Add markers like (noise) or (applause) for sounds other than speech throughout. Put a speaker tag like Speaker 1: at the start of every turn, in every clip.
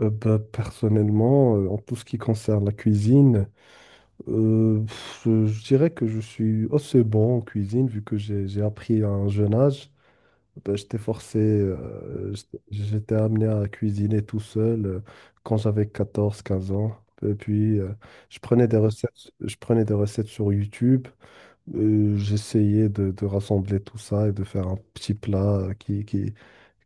Speaker 1: Personnellement, en tout ce qui concerne la cuisine, je dirais que je suis assez bon en cuisine vu que j'ai appris à un jeune âge. Bah, j'étais forcé, j'étais amené à cuisiner tout seul quand j'avais 14 15 ans. Et puis, je prenais des recettes sur YouTube. J'essayais de rassembler tout ça et de faire un petit plat euh, qui, qui,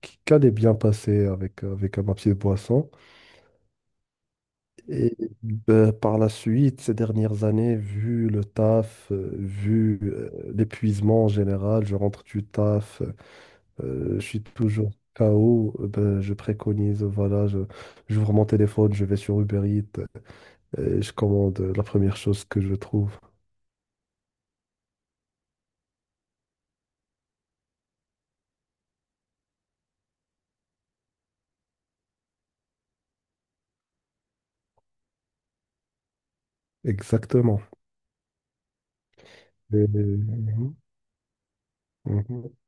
Speaker 1: qui, qui allait bien passer avec ma petite boisson. Et ben, par la suite, ces dernières années, vu le taf, vu l'épuisement en général, je rentre du taf. Je suis toujours KO. Je préconise, voilà, j'ouvre mon téléphone, je vais sur Uber Eats, et je commande la première chose que je trouve. Exactement. Mhm. Mhm.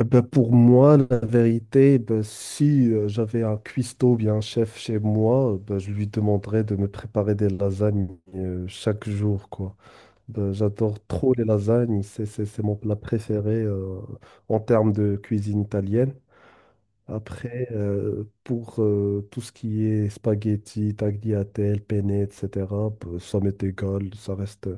Speaker 1: Eh ben, pour moi, la vérité, eh ben, si j'avais un cuistot ou bien un chef chez moi, je lui demanderais de me préparer des lasagnes chaque jour, quoi. Eh ben, j'adore trop les lasagnes. C'est mon plat préféré en termes de cuisine italienne. Après, pour tout ce qui est spaghetti, tagliatelle, penne, etc., ça m'est égal. Ça reste,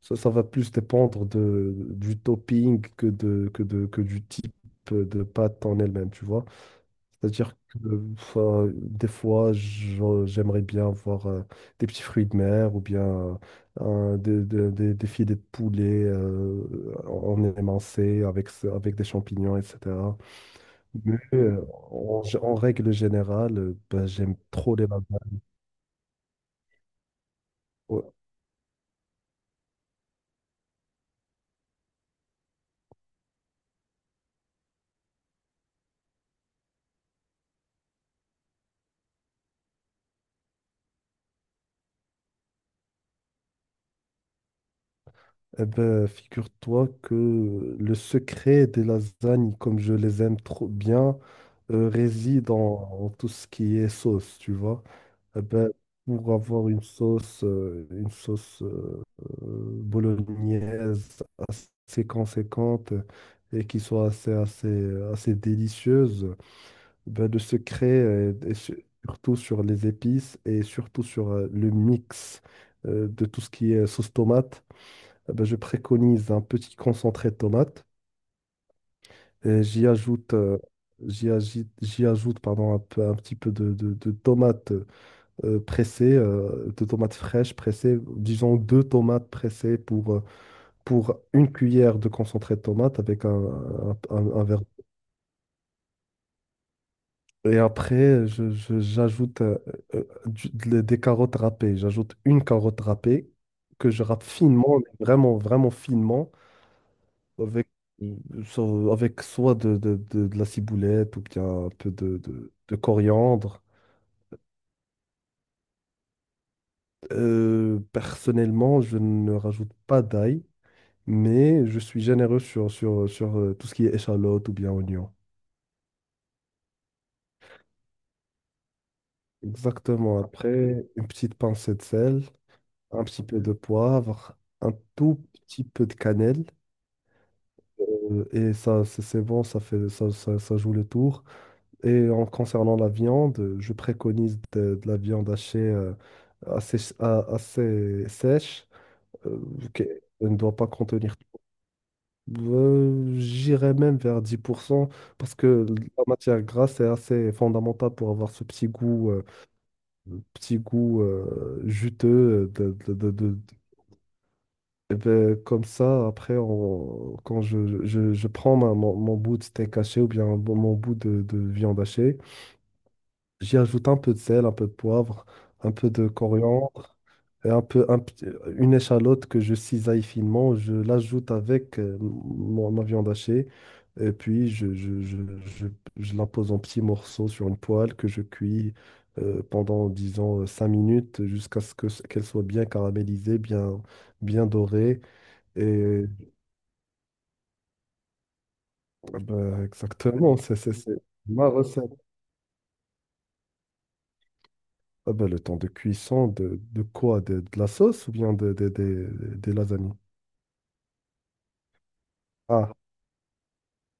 Speaker 1: ça, Ça va plus dépendre du topping que du type de pâte en elle-même, tu vois. C'est-à-dire que enfin, des fois, j'aimerais bien avoir des petits fruits de mer ou bien des filets de poulet en émincé avec des champignons, etc. Mais en règle générale, j'aime trop les lasagnes. Ouais. Eh ben, figure-toi que le secret des lasagnes, comme je les aime trop bien, réside en tout ce qui est sauce, tu vois. Eh ben, pour avoir une sauce bolognaise assez conséquente et qui soit assez délicieuse, ben, de se créer surtout sur les épices et surtout sur le mix de tout ce qui est sauce tomate, eh ben, je préconise un petit concentré de tomate et j'y ajoute. J'y ajoute pardon, un petit peu de tomates pressées, de tomates fraîches pressées. Disons deux tomates pressées pour une cuillère de concentré de tomate avec un verre. Et après, j'ajoute des carottes râpées. J'ajoute une carotte râpée que je râpe finement, mais vraiment, vraiment finement, avec, euh, avec soit de la ciboulette ou bien un peu de coriandre. Personnellement, je ne rajoute pas d'ail, mais je suis généreux sur tout ce qui est échalote ou bien oignon. Exactement. Après, une petite pincée de sel, un petit peu de poivre, un tout petit peu de cannelle. Et ça, c'est bon, ça fait, ça joue le tour. Et en concernant la viande, je préconise de la viande hachée assez sèche, euh, qui ne doit pas contenir. J'irais même vers 10% parce que la matière grasse est assez fondamentale pour avoir ce petit goût. Petit goût juteux eh ben, comme ça, après, quand je prends mon bout de steak haché ou bien mon bout de viande hachée. J'y ajoute un peu de sel, un peu de poivre, un peu de coriandre et un peu, un petit- une échalote que je cisaille finement. Je l'ajoute avec ma viande hachée et puis je, je la pose en petits morceaux sur une poêle que je cuis pendant, disons, 5 minutes jusqu'à ce qu'elle soit bien caramélisée, bien, bien dorée. Et euh, Exactement, c'est ma recette. Ah ben, le temps de cuisson de quoi? De la sauce ou bien des lasagnes? Ah,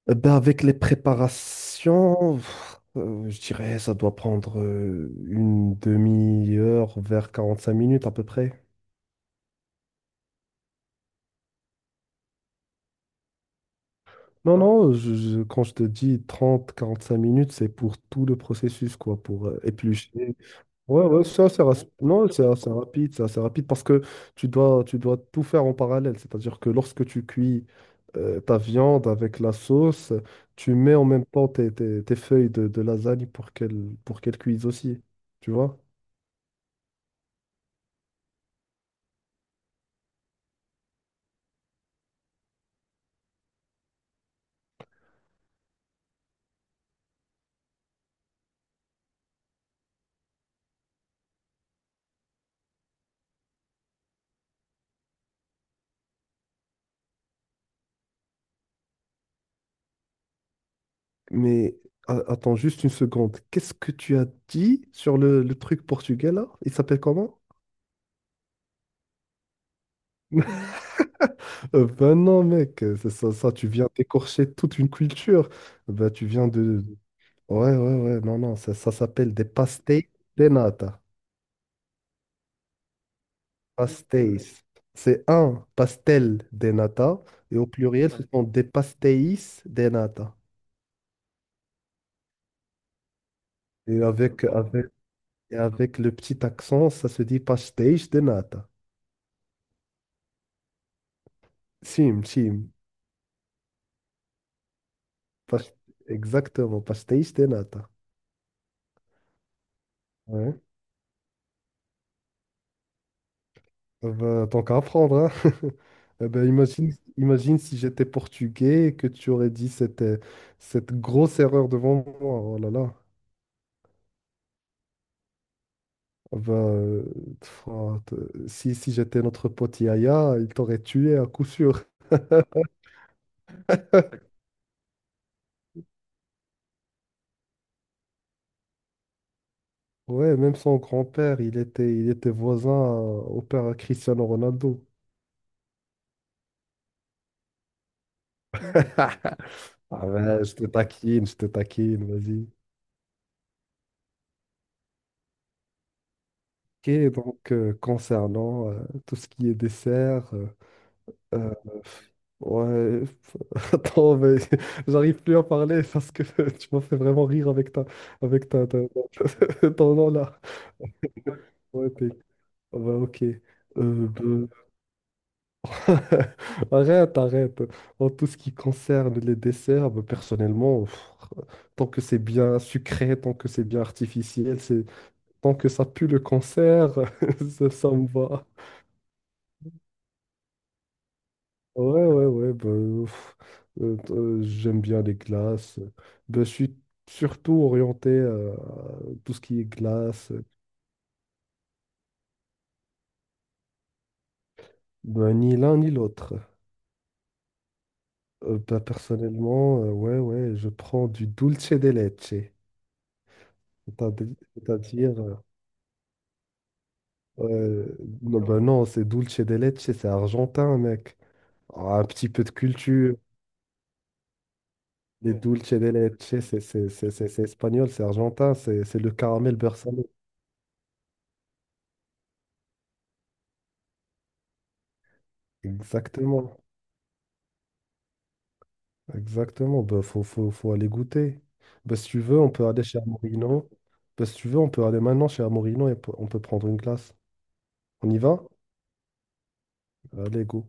Speaker 1: eh ben, avec les préparations, je dirais ça doit prendre une demi-heure vers 45 minutes à peu près. Non, non, quand je te dis 30 à 45 minutes, c'est pour tout le processus, quoi, pour éplucher. Ouais, ouais, ça, non, c'est assez rapide parce que tu dois tout faire en parallèle. C'est-à-dire que lorsque tu cuis ta viande avec la sauce, tu mets en même temps tes feuilles de lasagne pour qu'elles cuisent aussi. Tu vois? Mais attends juste une seconde. Qu'est-ce que tu as dit sur le truc portugais là? Il s'appelle comment? (laughs) Ben non, mec, c'est ça. Tu viens d'écorcher toute une culture. Ben, ouais, ouais, ouais, non, non, ça s'appelle des pastéis de nata. Pastéis. C'est un pastel de nata, et au pluriel, ce sont des pastéis de nata. Et avec, avec, et avec le petit accent, ça se dit pastéis de nata. Sim, sim. Pas- Exactement, pastéis de nata. Ouais. Tant qu'à apprendre, hein. (laughs) Eh ben, imagine si j'étais portugais et que tu aurais dit cette grosse erreur devant moi. Oh là là. Bah pff, ah, t- si si j'étais notre pote Yaya, il t'aurait tué à coup sûr. (laughs) Ouais, même son grand-père, il était voisin au père à Cristiano Ronaldo. (laughs) Ah ouais, je te taquine, vas-y. OK, donc concernant tout ce qui est dessert, euh, ouais, (laughs) attends, mais (laughs) j'arrive plus à parler parce que (laughs) tu m'as fait vraiment rire avec avec ta, ta- (laughs) ton nom là. Ouais, ouais, OK. Euh, bah, (laughs) Arrête, arrête. En tout ce qui concerne les desserts, bah, personnellement, tant que c'est bien sucré, tant que c'est bien artificiel, c'est tant que ça pue le cancer, (laughs) ça me va. Ouais, ouais, ouais. Pff, j'aime bien les glaces. Bah, je suis surtout orienté à tout ce qui est glace. Bah, ni l'un ni l'autre. Personnellement, ouais, ouais, je prends du dulce de leche. C'est-à-dire Ouais, non, bah non, c'est dulce de leche, c'est argentin, mec. Ah, un petit peu de culture. Les Ouais. Dulce de leche, c'est espagnol, c'est argentin, c'est le caramel beurre salé. Exactement, exactement. Bah, faut aller goûter. Bah, si tu veux, on peut aller chez Amorino. Bah, si tu veux, on peut aller maintenant chez Amorino et on peut prendre une glace. On y va? Allez, go.